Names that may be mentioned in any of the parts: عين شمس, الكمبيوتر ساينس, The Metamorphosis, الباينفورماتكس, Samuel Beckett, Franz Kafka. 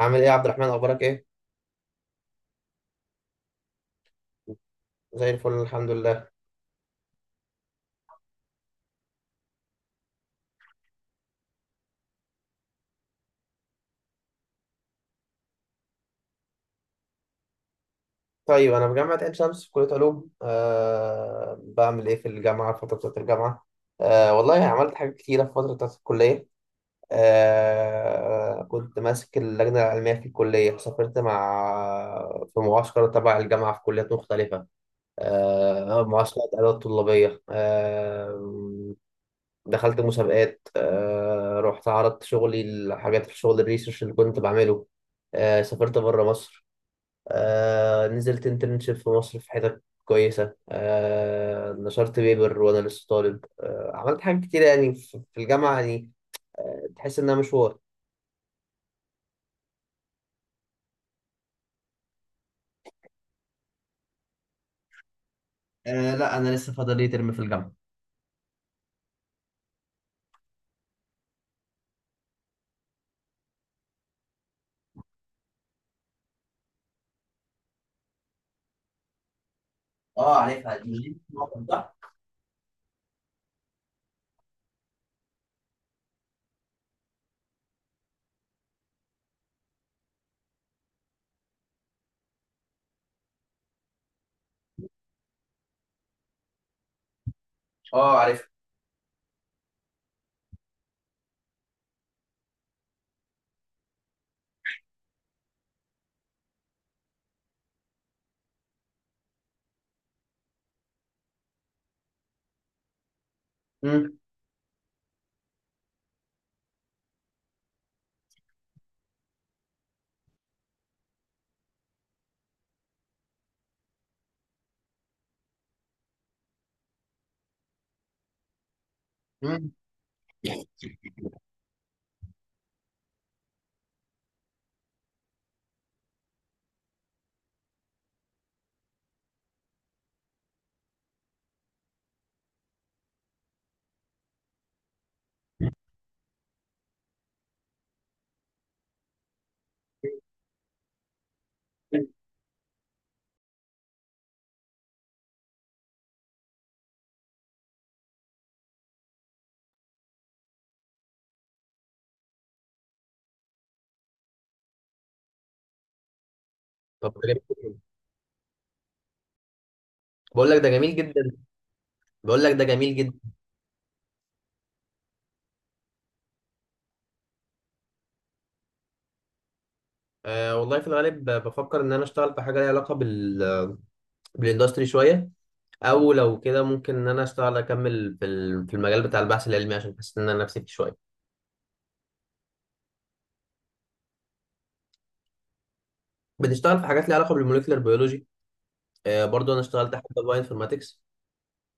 عامل ايه يا عبد الرحمن اخبارك ايه؟ زي الفل الحمد لله. طيب انا في جامعه عين شمس في كليه علوم. بعمل ايه في الجامعه في فتره بتاعه الجامعه؟ والله عملت حاجات كتيره في فتره بتاعه الكليه. كنت ماسك اللجنه العلميه في الكليه، سافرت مع في معسكر تبع الجامعه في كليات مختلفه، معسكرات ادوات طلابيه. دخلت مسابقات، رحت عرضت شغلي الحاجات في شغل الريسيرش اللي كنت بعمله. سافرت بره مصر. نزلت انترنشيب في مصر في حتت كويسة. نشرت بيبر وأنا لسه طالب. عملت حاجات كتير يعني في الجامعة يعني، تحس إنها مشوار. لا، أنا لسه فاضل لي ترم في الجامعة. اه عارفها دي، صح؟ اه عارفها. مم. مم. طب كلام. بقول لك ده جميل جدا. بقول لك ده جميل جدا. والله في الغالب بفكر ان انا اشتغل في حاجه ليها علاقه بالاندستري شويه، او لو كده ممكن ان انا اشتغل اكمل في المجال بتاع البحث العلمي عشان حاسس ان انا نفسي فيه شويه. بتشتغل في حاجات ليها علاقه بالموليكولر بيولوجي. برضو انا اشتغلت حتى باينفورماتكس.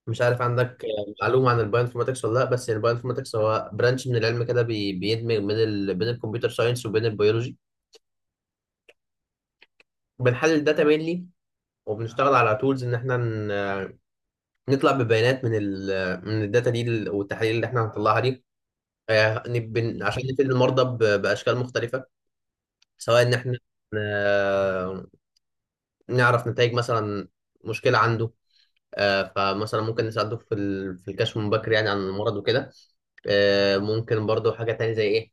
مش عارف عندك، معلومه عن الباينفورماتكس ولا لا، بس الباينفورماتكس هو برانش من العلم كده بيدمج بين بين الكمبيوتر ساينس وبين البيولوجي. بنحلل الداتا مينلي، وبنشتغل على تولز ان احنا ن... آه، نطلع ببيانات من الداتا دي والتحاليل اللي احنا هنطلعها دي، عشان نفيد المرضى باشكال مختلفه، سواء ان احنا، آه، نعرف نتائج مثلا مشكله عنده. فمثلا ممكن نساعده في الكشف المبكر يعني عن المرض وكده. ممكن برضو حاجه تانية زي ايه؟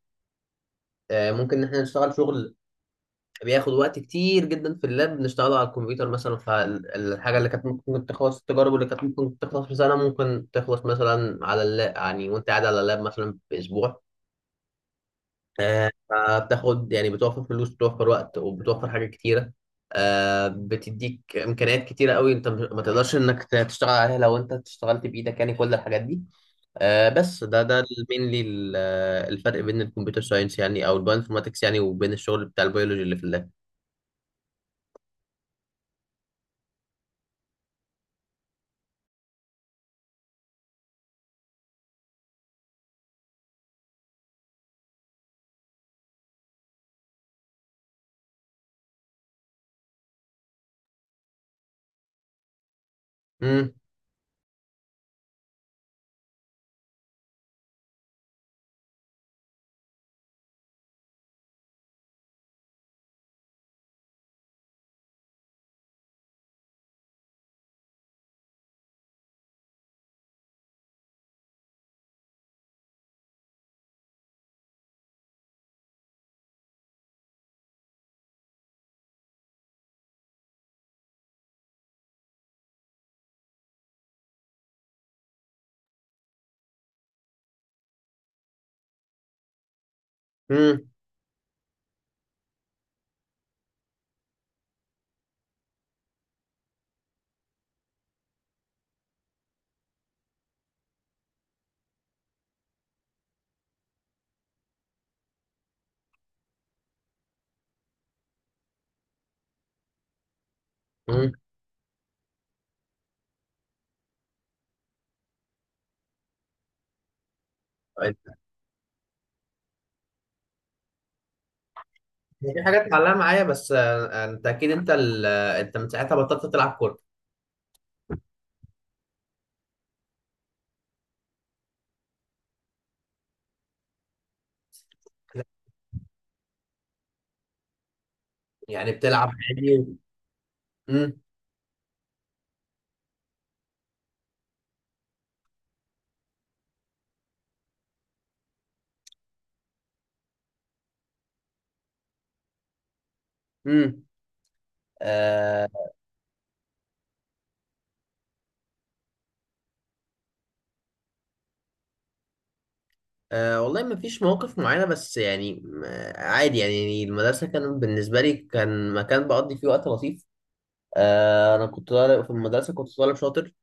ممكن ان احنا نشتغل شغل بياخد وقت كتير جدا في اللاب، نشتغله على الكمبيوتر مثلا، فالحاجه اللي كانت ممكن تخلص التجارب اللي كانت ممكن تخلص في سنه ممكن تخلص مثلا على اللاب يعني، وانت قاعد على اللاب مثلا باسبوع. فبتاخد يعني، بتوفر فلوس بتوفر وقت وبتوفر حاجات كتيرة. بتديك إمكانيات كتيرة قوي أنت ما تقدرش إنك تشتغل عليها لو أنت اشتغلت بإيدك يعني، كل الحاجات دي. بس ده المينلي، الفرق بين الكمبيوتر ساينس يعني أو البايوانفورماتكس يعني وبين الشغل بتاع البيولوجي اللي في اللاب. مم، مم، مم. أنت- في حاجات معلقة معايا، بس أنت أكيد أنت من ساعتها بطلت تلعب كورة؟ يعني بتلعب عادي مم، مم. آه، أه والله ما فيش مواقف معينة، بس يعني عادي يعني. المدرسة كان بالنسبة لي كان مكان بقضي فيه وقت لطيف. أه أنا كنت طالب في المدرسة، كنت طالب شاطر.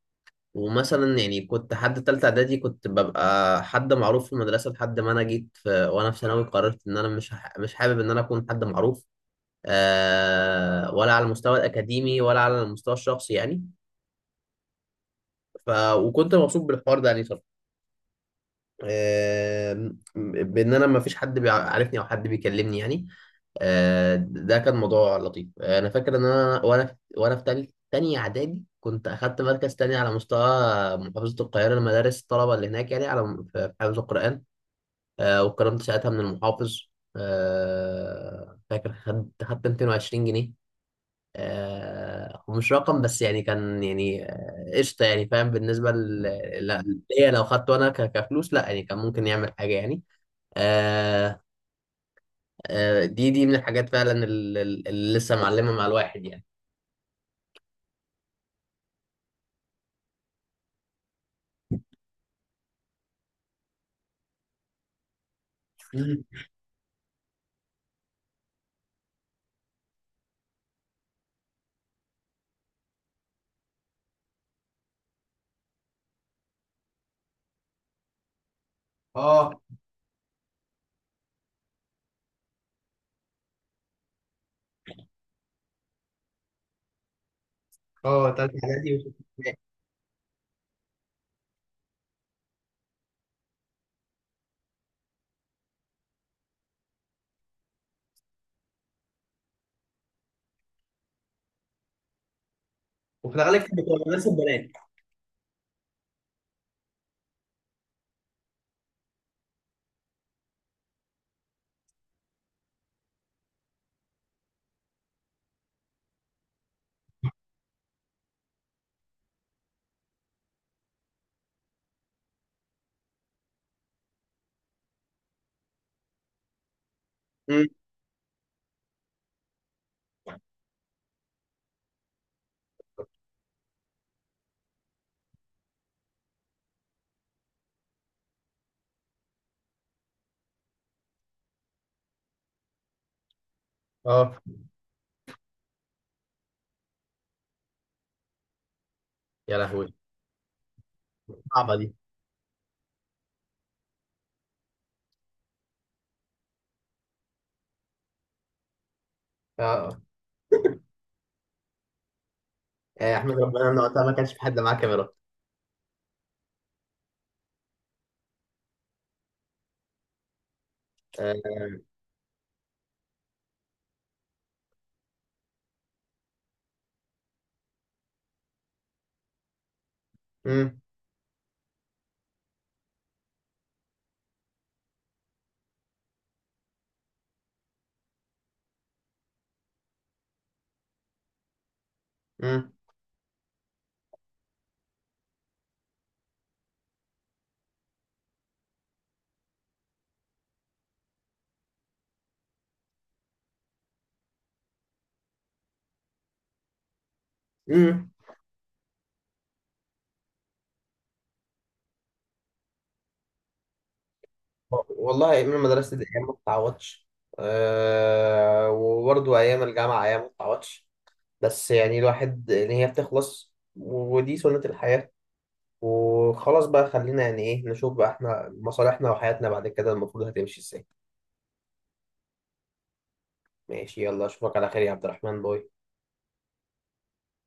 ومثلا يعني كنت حد تالتة إعدادي كنت ببقى حد معروف في المدرسة، لحد ما أنا جيت في وأنا في ثانوي قررت إن أنا مش حابب إن أنا أكون حد معروف، أه ولا على المستوى الأكاديمي ولا على المستوى الشخصي يعني. ف وكنت مبسوط بالحوار ده يعني صراحة. بان انا ما فيش حد بيعرفني او حد بيكلمني يعني. ده كان موضوع لطيف. انا فاكر ان انا وانا في تالت تاني اعدادي كنت اخدت مركز تاني على مستوى محافظه القاهره لمدارس الطلبه اللي هناك يعني، على في حفظ القران. واتكرمت ساعتها من المحافظ. فاكر خدت 220 جنيه. هو مش رقم، بس يعني كان يعني، قشطة يعني، فاهم؟ بالنسبة ليا لو خدته أنا كفلوس، لا يعني كان ممكن يعمل حاجة يعني. آه، دي من الحاجات فعلا اللي لسه معلمة مع الواحد يعني. مم. اه. اه تلات حاجات دي، وفي، وفي الأغلب كانت بتبقى مناسب بنات. مم. اه. يا لهوي، صعبة دي. آه، احمد ربنا إن وقتها ما كانش في حد معاه كاميرا. آه، مم. مم. مم. والله ايام المدرسه دي ايام ما تتعوضش. أه وبرضه ايام الجامعه ايام ما تتعوضش. بس يعني الواحد ان هي بتخلص، ودي سنه الحياه، وخلاص بقى، خلينا يعني ايه نشوف بقى احنا مصالحنا وحياتنا بعد كده المفروض هتمشي ازاي. ماشي، يلا اشوفك على خير يا عبد الرحمن، باي.